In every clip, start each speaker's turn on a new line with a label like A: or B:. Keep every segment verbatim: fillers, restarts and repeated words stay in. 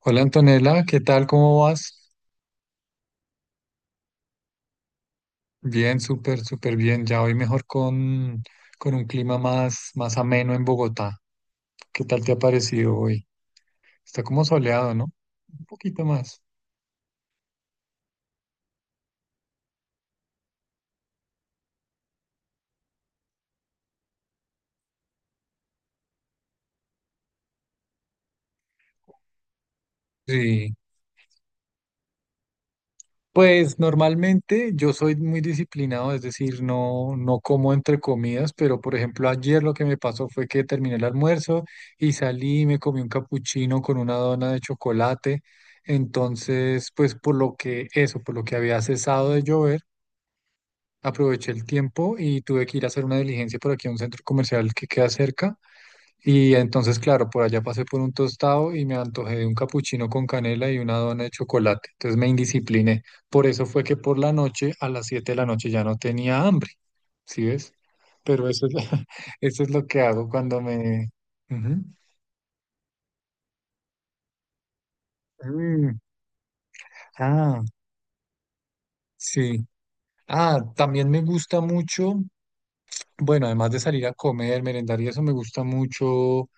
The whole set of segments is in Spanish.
A: Hola Antonella, ¿qué tal? ¿Cómo vas? Bien, súper, súper bien. Ya hoy mejor con, con un clima más, más ameno en Bogotá. ¿Qué tal te ha parecido hoy? Está como soleado, ¿no? Un poquito más. Sí. Pues normalmente yo soy muy disciplinado, es decir, no, no como entre comidas, pero por ejemplo ayer lo que me pasó fue que terminé el almuerzo y salí y me comí un capuchino con una dona de chocolate. Entonces, pues por lo que eso, por lo que había cesado de llover aproveché el tiempo y tuve que ir a hacer una diligencia por aquí a un centro comercial que queda cerca. Y entonces, claro, por allá pasé por un tostado y me antojé de un capuchino con canela y una dona de chocolate. Entonces me indiscipliné. Por eso fue que por la noche, a las siete de la noche, ya no tenía hambre. ¿Sí ves? Pero eso es, eso es lo que hago cuando me... Ujú. Mm, ah, sí. Ah, también me gusta mucho, bueno, además de salir a comer, merendar y eso, me gusta mucho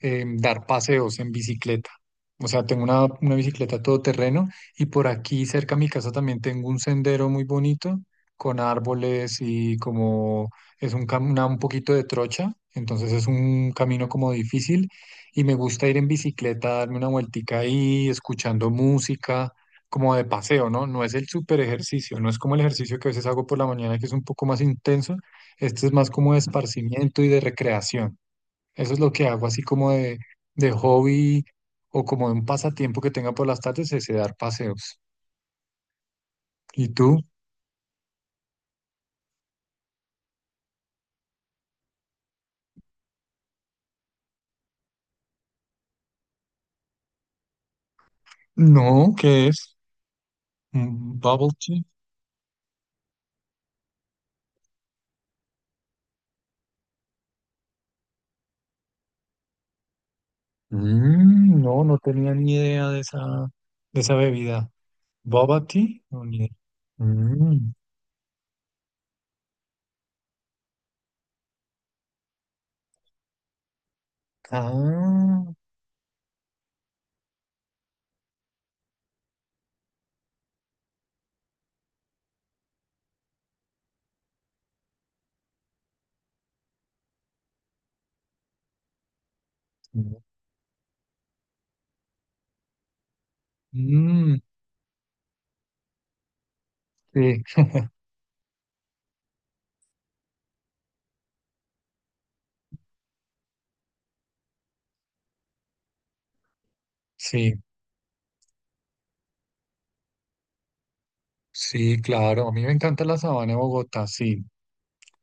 A: eh, dar paseos en bicicleta. O sea, tengo una, una bicicleta todoterreno y por aquí cerca a mi casa también tengo un sendero muy bonito con árboles y como es un, cam- una- un poquito de trocha, entonces es un camino como difícil y me gusta ir en bicicleta, darme una vueltica ahí, escuchando música, como de paseo, ¿no? No es el super ejercicio, no es como el ejercicio que a veces hago por la mañana que es un poco más intenso, este es más como de esparcimiento y de recreación. Eso es lo que hago, así como de, de hobby o como de un pasatiempo que tenga por las tardes, es de dar paseos. ¿Y tú? No, ¿qué es? ¿Un bubble tea? Mm, no, no tenía ni idea de esa, de esa bebida. ¿Bubble tea? No, ni idea. Mm, ah, mm, sí, sí, sí, claro. A mí me encanta la sabana de Bogotá, sí.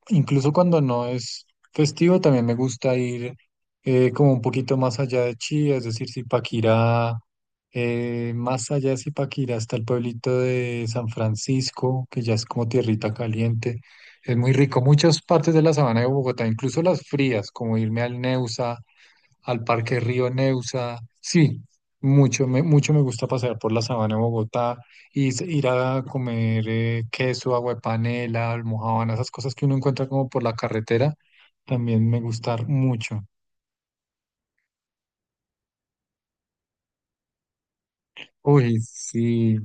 A: Incluso cuando no es festivo, también me gusta ir eh, como un poquito más allá de Chía, es decir, Zipaquirá, eh, más allá de Zipaquirá está el pueblito de San Francisco, que ya es como tierrita caliente. Es muy rico. Muchas partes de la sabana de Bogotá, incluso las frías, como irme al Neusa al Parque Río Neusa. Sí, mucho me, mucho me gusta pasear por la sabana de Bogotá y s- ir a comer eh, queso, agua de panela, almojábana, esas cosas que uno encuentra como por la carretera, también me gustan mucho. Uy, sí,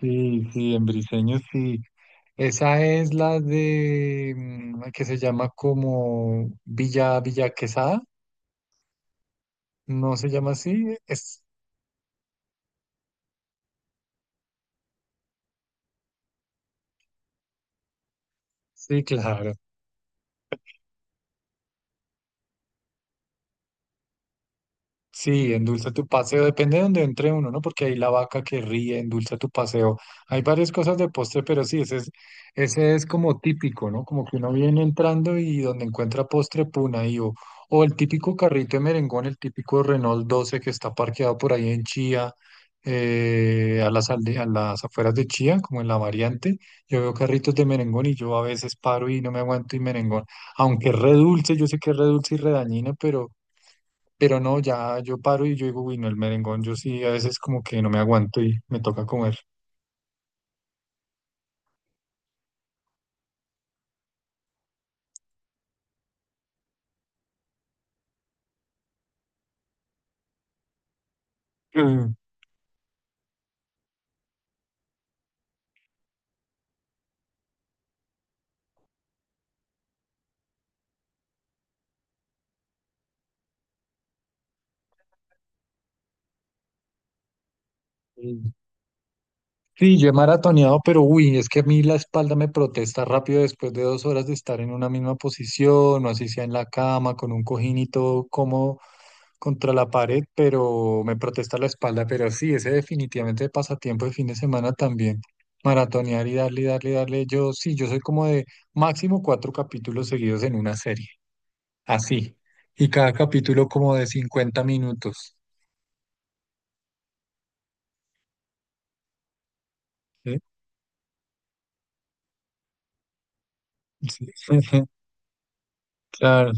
A: sí, sí, en Briseño sí. Esa es la de mm, que se llama como Villa Villa Quesada, ¿no se llama así? Es, sí, claro. Sí, endulza tu paseo, depende de donde entre uno, ¿no? Porque hay la vaca que ríe, endulza tu paseo. Hay varias cosas de postre, pero sí, ese es, ese es como típico, ¿no? Como que uno viene entrando y donde encuentra postre, puna ahí. O, o el típico carrito de merengón, el típico Renault doce que está parqueado por ahí en Chía, eh, a las, alde- a las afueras de Chía, como en la variante. Yo veo carritos de merengón y yo a veces paro y no me aguanto y merengón aunque es re dulce, yo sé que es re dulce y re dañina, pero, pero no, ya yo paro y yo digo, uy, no, el merengón, yo sí a veces como que no me aguanto y me toca comer. Mm. Sí, yo he maratoneado, pero uy, es que a mí la espalda me protesta rápido después de dos horas de estar en una misma posición, o así sea en la cama, con un cojín y todo como contra la pared, pero me protesta la espalda. Pero sí, ese definitivamente pasatiempo de fin de semana también. Maratonear y darle, darle, darle. Yo sí, yo soy como de máximo cuatro capítulos seguidos en una serie, así. Y cada capítulo como de cincuenta minutos. ¿Sí? Sí. Claro.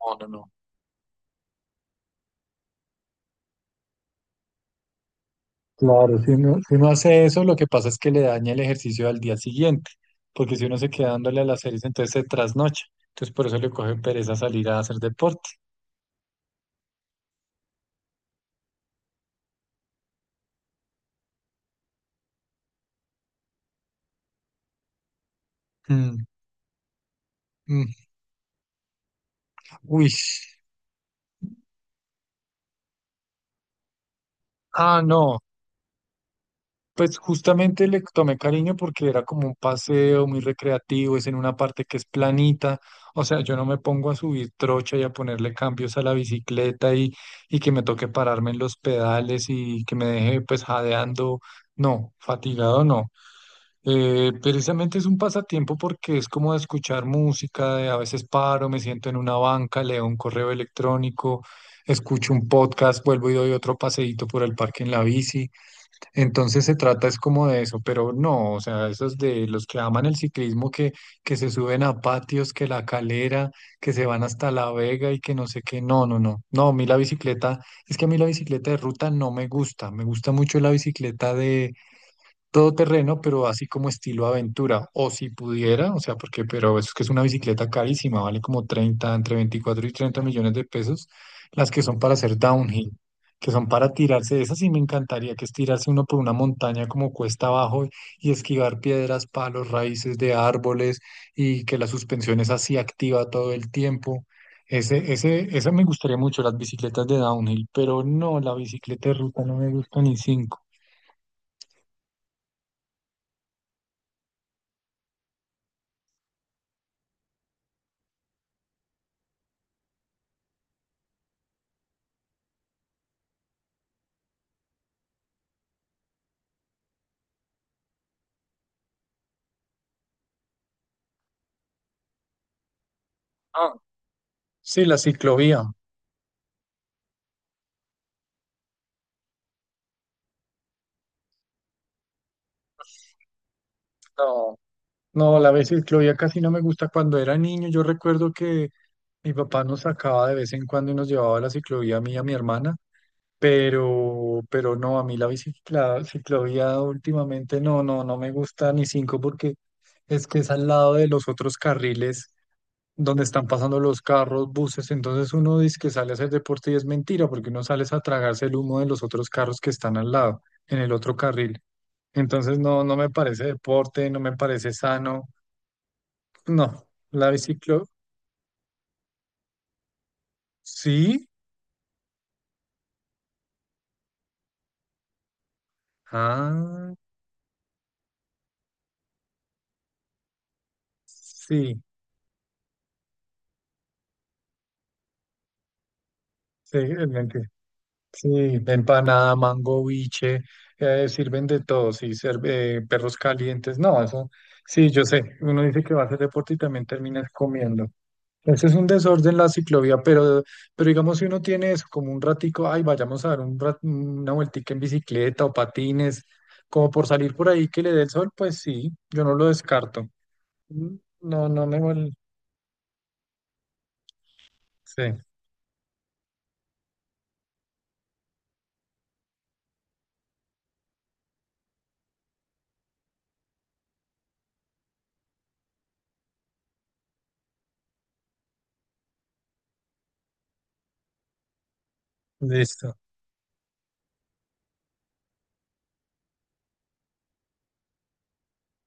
A: No, no, no. Claro, si uno, si uno hace eso, lo que pasa es que le daña el ejercicio al día siguiente, porque si uno se queda dándole a las series, entonces se trasnocha. Entonces por eso le coge pereza salir a hacer deporte. Mm, mm. Uy, ah, no. Pues justamente le tomé cariño porque era como un paseo muy recreativo, es en una parte que es planita, o sea, yo no me pongo a subir trocha y a ponerle cambios a la bicicleta y, y que me toque pararme en los pedales y que me deje pues jadeando, no, fatigado no. Eh, precisamente es un pasatiempo porque es como de escuchar música, de a veces paro, me siento en una banca, leo un correo electrónico, escucho un podcast, vuelvo y doy otro paseíto por el parque en la bici. Entonces se trata es como de eso, pero no, o sea, esos de los que aman el ciclismo que, que se suben a patios, que la calera, que se van hasta La Vega y que no sé qué, no, no, no, no, a mí la bicicleta, es que a mí la bicicleta de ruta no me gusta, me gusta mucho la bicicleta todoterreno, pero así como estilo aventura, o si pudiera, o sea, porque, pero eso es que es una bicicleta carísima, vale como treinta entre veinticuatro y treinta millones de pesos, las que son para hacer downhill, que son para tirarse. Esas sí me encantaría, que es tirarse uno por una montaña como cuesta abajo y esquivar piedras, palos, raíces de árboles y que la suspensión es así activa todo el tiempo. Ese, ese, esa me gustaría mucho, las bicicletas de downhill, pero no, la bicicleta de ruta no me gusta ni cinco. Sí, la ciclovía. No, no, la vez ciclovía casi no me gusta. Cuando era niño, yo recuerdo que mi papá nos sacaba de vez en cuando y nos llevaba a la ciclovía a mí y a mi hermana, pero, pero no, a mí la bicicla, ciclovía últimamente no, no, no me gusta ni cinco porque es que es al lado de los otros carriles donde están pasando los carros, buses, entonces uno dice que sale a hacer deporte y es mentira porque uno sale es a tragarse el humo de los otros carros que están al lado, en el otro carril. Entonces no, no me parece deporte, no me parece sano. No, la biciclo, sí, ah, sí, sí, es mentira. Sí, empanada, mango, biche, eh, sirven de todo, sí, serve, eh, perros calientes, no, eso, sí, yo sé, uno dice que va a hacer deporte y también terminas comiendo. Ese es un desorden la ciclovía, pero, pero digamos si uno tiene eso como un ratico, ay, vayamos a dar un rat- una vueltica en bicicleta o patines, como por salir por ahí que le dé el sol, pues sí, yo no lo descarto. Mm, no, no me mol... Sí, listo.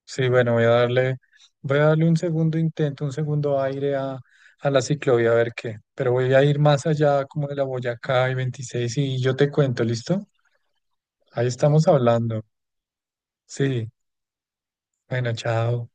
A: Sí, bueno, voy a darle, voy a darle un segundo intento, un segundo aire a, a la ciclovía, a ver qué. Pero voy a ir más allá como de la Boyacá y veintiséis y yo te cuento, ¿listo? Ahí estamos hablando. Sí, bueno, chao.